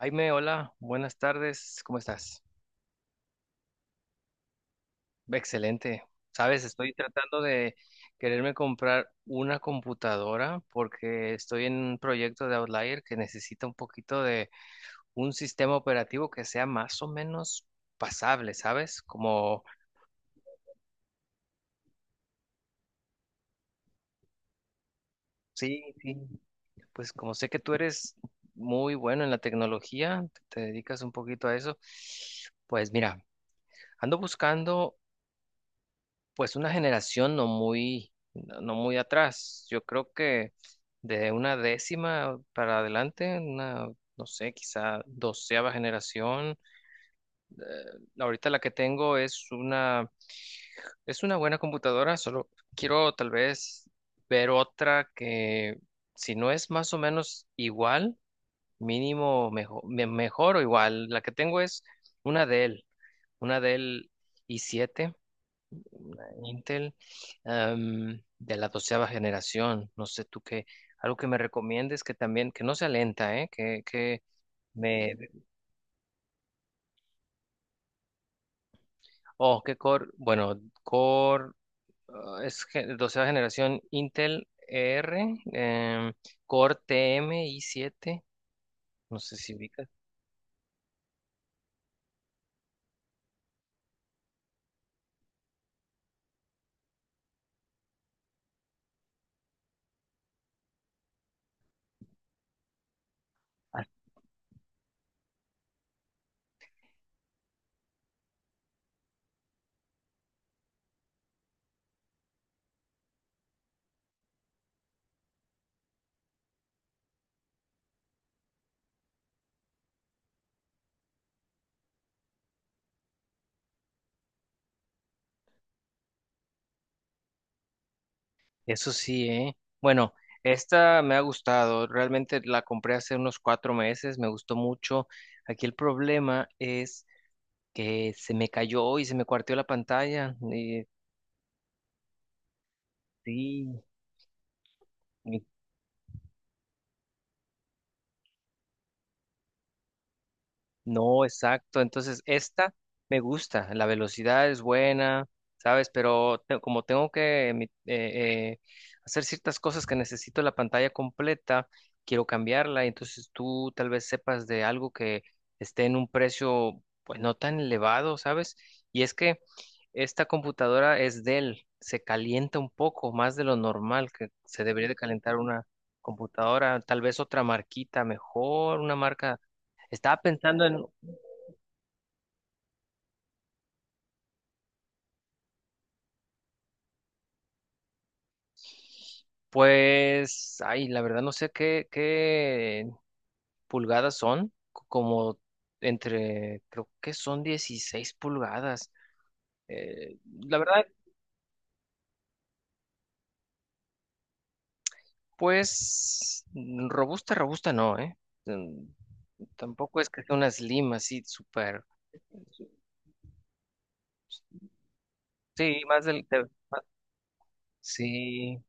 Jaime, hola, buenas tardes, ¿cómo estás? Excelente. Sabes, estoy tratando de quererme comprar una computadora porque estoy en un proyecto de Outlier que necesita un poquito de un sistema operativo que sea más o menos pasable, ¿sabes? Sí, sí, pues como sé que tú eres muy bueno en la tecnología, te dedicas un poquito a eso, pues mira, ando buscando pues una generación no muy, no muy atrás. Yo creo que de una décima para adelante, una, no sé, quizá doceava generación. Eh, ahorita la que tengo es una buena computadora, solo quiero tal vez ver otra que, si no es más o menos igual, mínimo mejor, mejor o igual. La que tengo es una Dell, una Dell i7 Intel de la doceava generación. No sé tú qué, algo que me recomiendes que también, que no sea lenta, ¿eh? Me, oh, qué core, bueno, core, ah, es doceava generación Intel E R, core TM i7, no sé si ubicas. Ah, eso sí, ¿eh? Bueno. Esta me ha gustado, realmente la compré hace unos cuatro meses, me gustó mucho. Aquí el problema es que se me cayó y se me cuarteó la pantalla. Sí, y no, exacto. Entonces, esta me gusta, la velocidad es buena, ¿sabes? Como tengo que hacer ciertas cosas que necesito la pantalla completa, quiero cambiarla. Entonces, tú tal vez sepas de algo que esté en un precio, pues no tan elevado, ¿sabes? Y es que esta computadora es Dell, se calienta un poco más de lo normal que se debería de calentar una computadora, tal vez otra marquita mejor, una marca. Estaba pensando en... Pues, ay, la verdad no sé qué, qué pulgadas son, como entre, creo que son 16 pulgadas. Eh, la verdad, pues, mm, robusta, robusta no, ¿eh? Mm, Tampoco es que sea una slim así, súper. Sí, sí,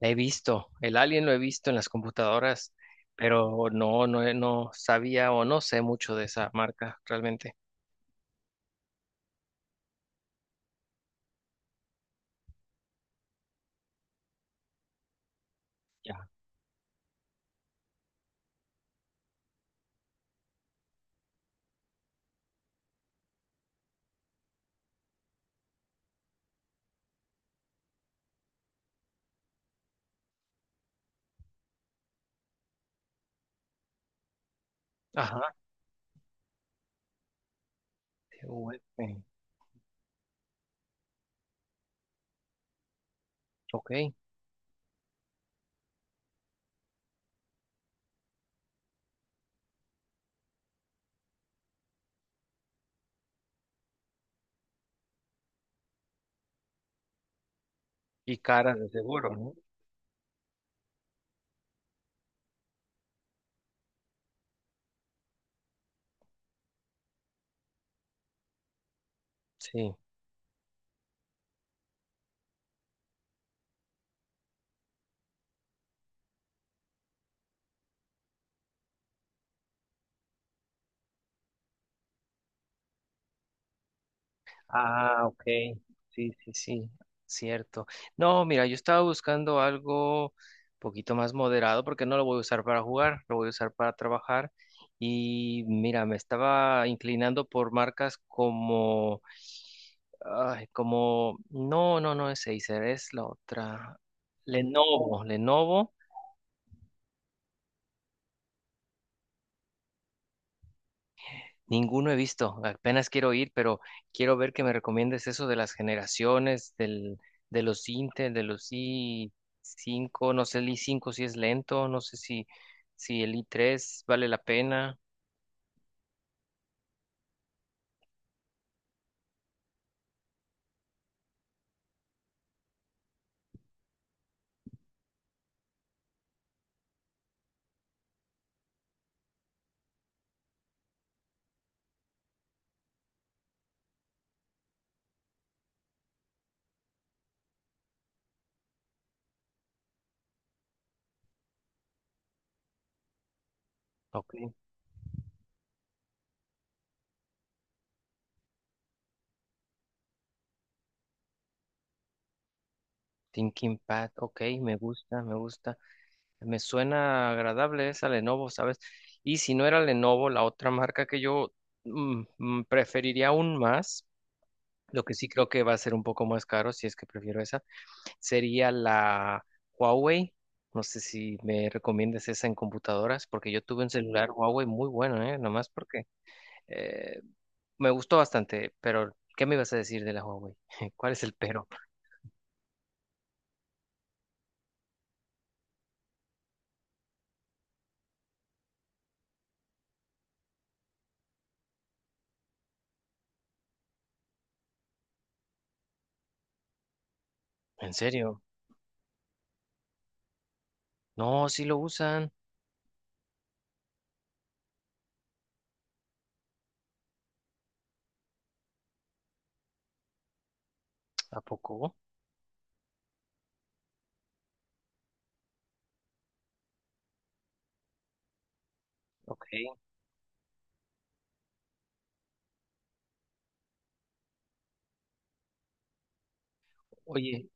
la he visto, el alien lo he visto en las computadoras, pero no, no, no sabía o no sé mucho de esa marca realmente. Ya. Ajá. TUF. Ok. Y caras de seguro, ¿no? Sí. Ah, ok. Sí, sí, sí. Cierto. No, mira, yo estaba buscando algo un poquito más moderado porque no lo voy a usar para jugar, lo voy a usar para trabajar. Y mira, me estaba inclinando por marcas como, ay, como, no, no, no es Acer, es la otra. Lenovo. Ninguno he visto, apenas quiero ir, pero quiero ver que me recomiendes eso de las generaciones, del, de los Intel, de los i5, no sé el i5 si es lento, no sé si, si el i3 vale la pena. Ok, Thinking Pad, ok, me gusta, me gusta. Me suena agradable esa Lenovo, ¿sabes? Y si no era Lenovo, la otra marca que yo mm, mm, preferiría aún más, lo que sí creo que va a ser un poco más caro, si es que prefiero esa sería la Huawei. No sé si me recomiendas esa en computadoras, porque yo tuve un celular Huawei muy bueno, ¿eh? Nomás porque eh, me gustó bastante, pero ¿qué me ibas a decir de la Huawei? ¿Cuál es el pero? ¿En serio? No, sí lo usan. ¿A poco? Ok. Oye,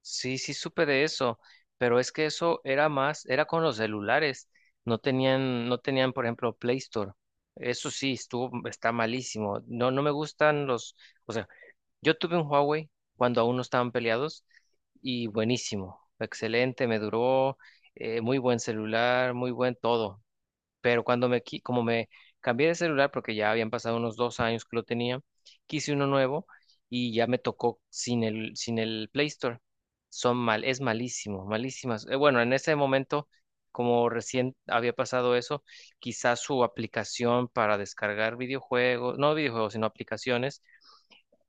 sí, sí supe de eso, pero es que eso era más, era con los celulares. No tenían, no tenían, por ejemplo, Play Store. Eso sí, estuvo, está malísimo. No, no me gustan los... O sea, yo tuve un Huawei cuando aún no estaban peleados y buenísimo, excelente, me duró, muy buen celular, muy buen todo. Pero cuando me, como me cambié de celular, porque ya habían pasado unos dos años que lo tenía, quise uno nuevo y ya me tocó sin el, sin el Play Store. Son mal, es malísimo, malísimas. Bueno, en ese momento, como recién había pasado eso, quizás su aplicación para descargar videojuegos, no videojuegos, sino aplicaciones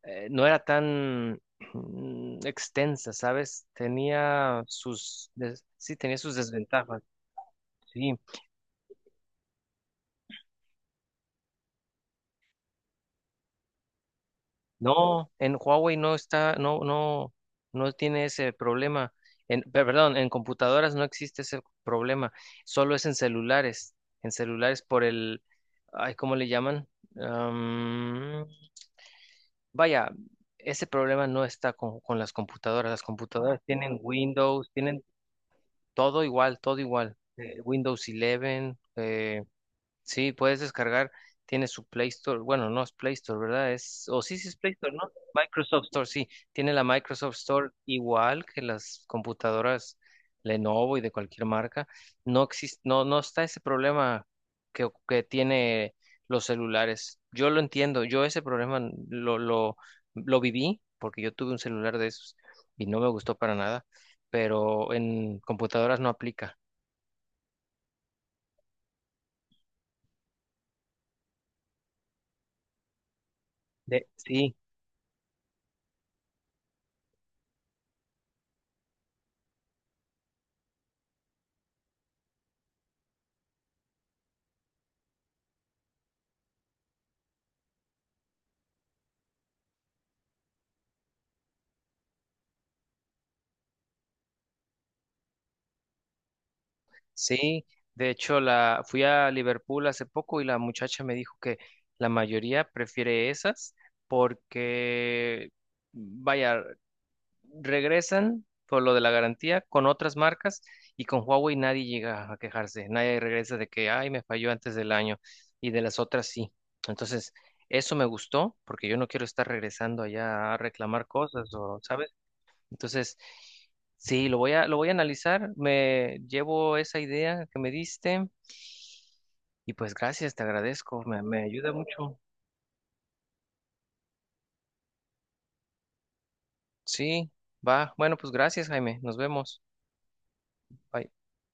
no era tan mm, extensa, ¿sabes? Sí, tenía sus desventajas. Sí, no, en Huawei no está, no, no, no tiene ese problema. Perdón, en computadoras no existe ese problema, solo es en celulares por el, ay, ¿cómo le llaman? Am, vaya, ese problema no está con las computadoras. Las computadoras tienen Windows, tienen todo igual, todo igual. Windows 11, sí, puedes descargar, tiene su Play Store, bueno, no es Play Store, ¿verdad? Es, o sí, sí es Play Store, ¿no? Microsoft Store, sí, tiene la Microsoft Store igual que las computadoras Lenovo y de cualquier marca. No existe, no, no está ese problema que tiene los celulares. Yo lo entiendo, yo ese problema lo, lo, lo viví porque yo tuve un celular de esos y no me gustó para nada, pero en computadoras no aplica. Sí. Sí, de hecho la fui a Liverpool hace poco y la muchacha me dijo que la mayoría prefiere esas porque, vaya, regresan por lo de la garantía con otras marcas y con Huawei nadie llega a quejarse, nadie regresa de que, ay, me falló antes del año y de las otras sí. Entonces, eso me gustó porque yo no quiero estar regresando allá a reclamar cosas o, ¿sabes? Entonces, sí, lo voy a analizar. Me llevo esa idea que me diste y pues gracias, te agradezco. Me ayuda mucho. Sí, va. Bueno, pues gracias, Jaime. Nos vemos. Bye.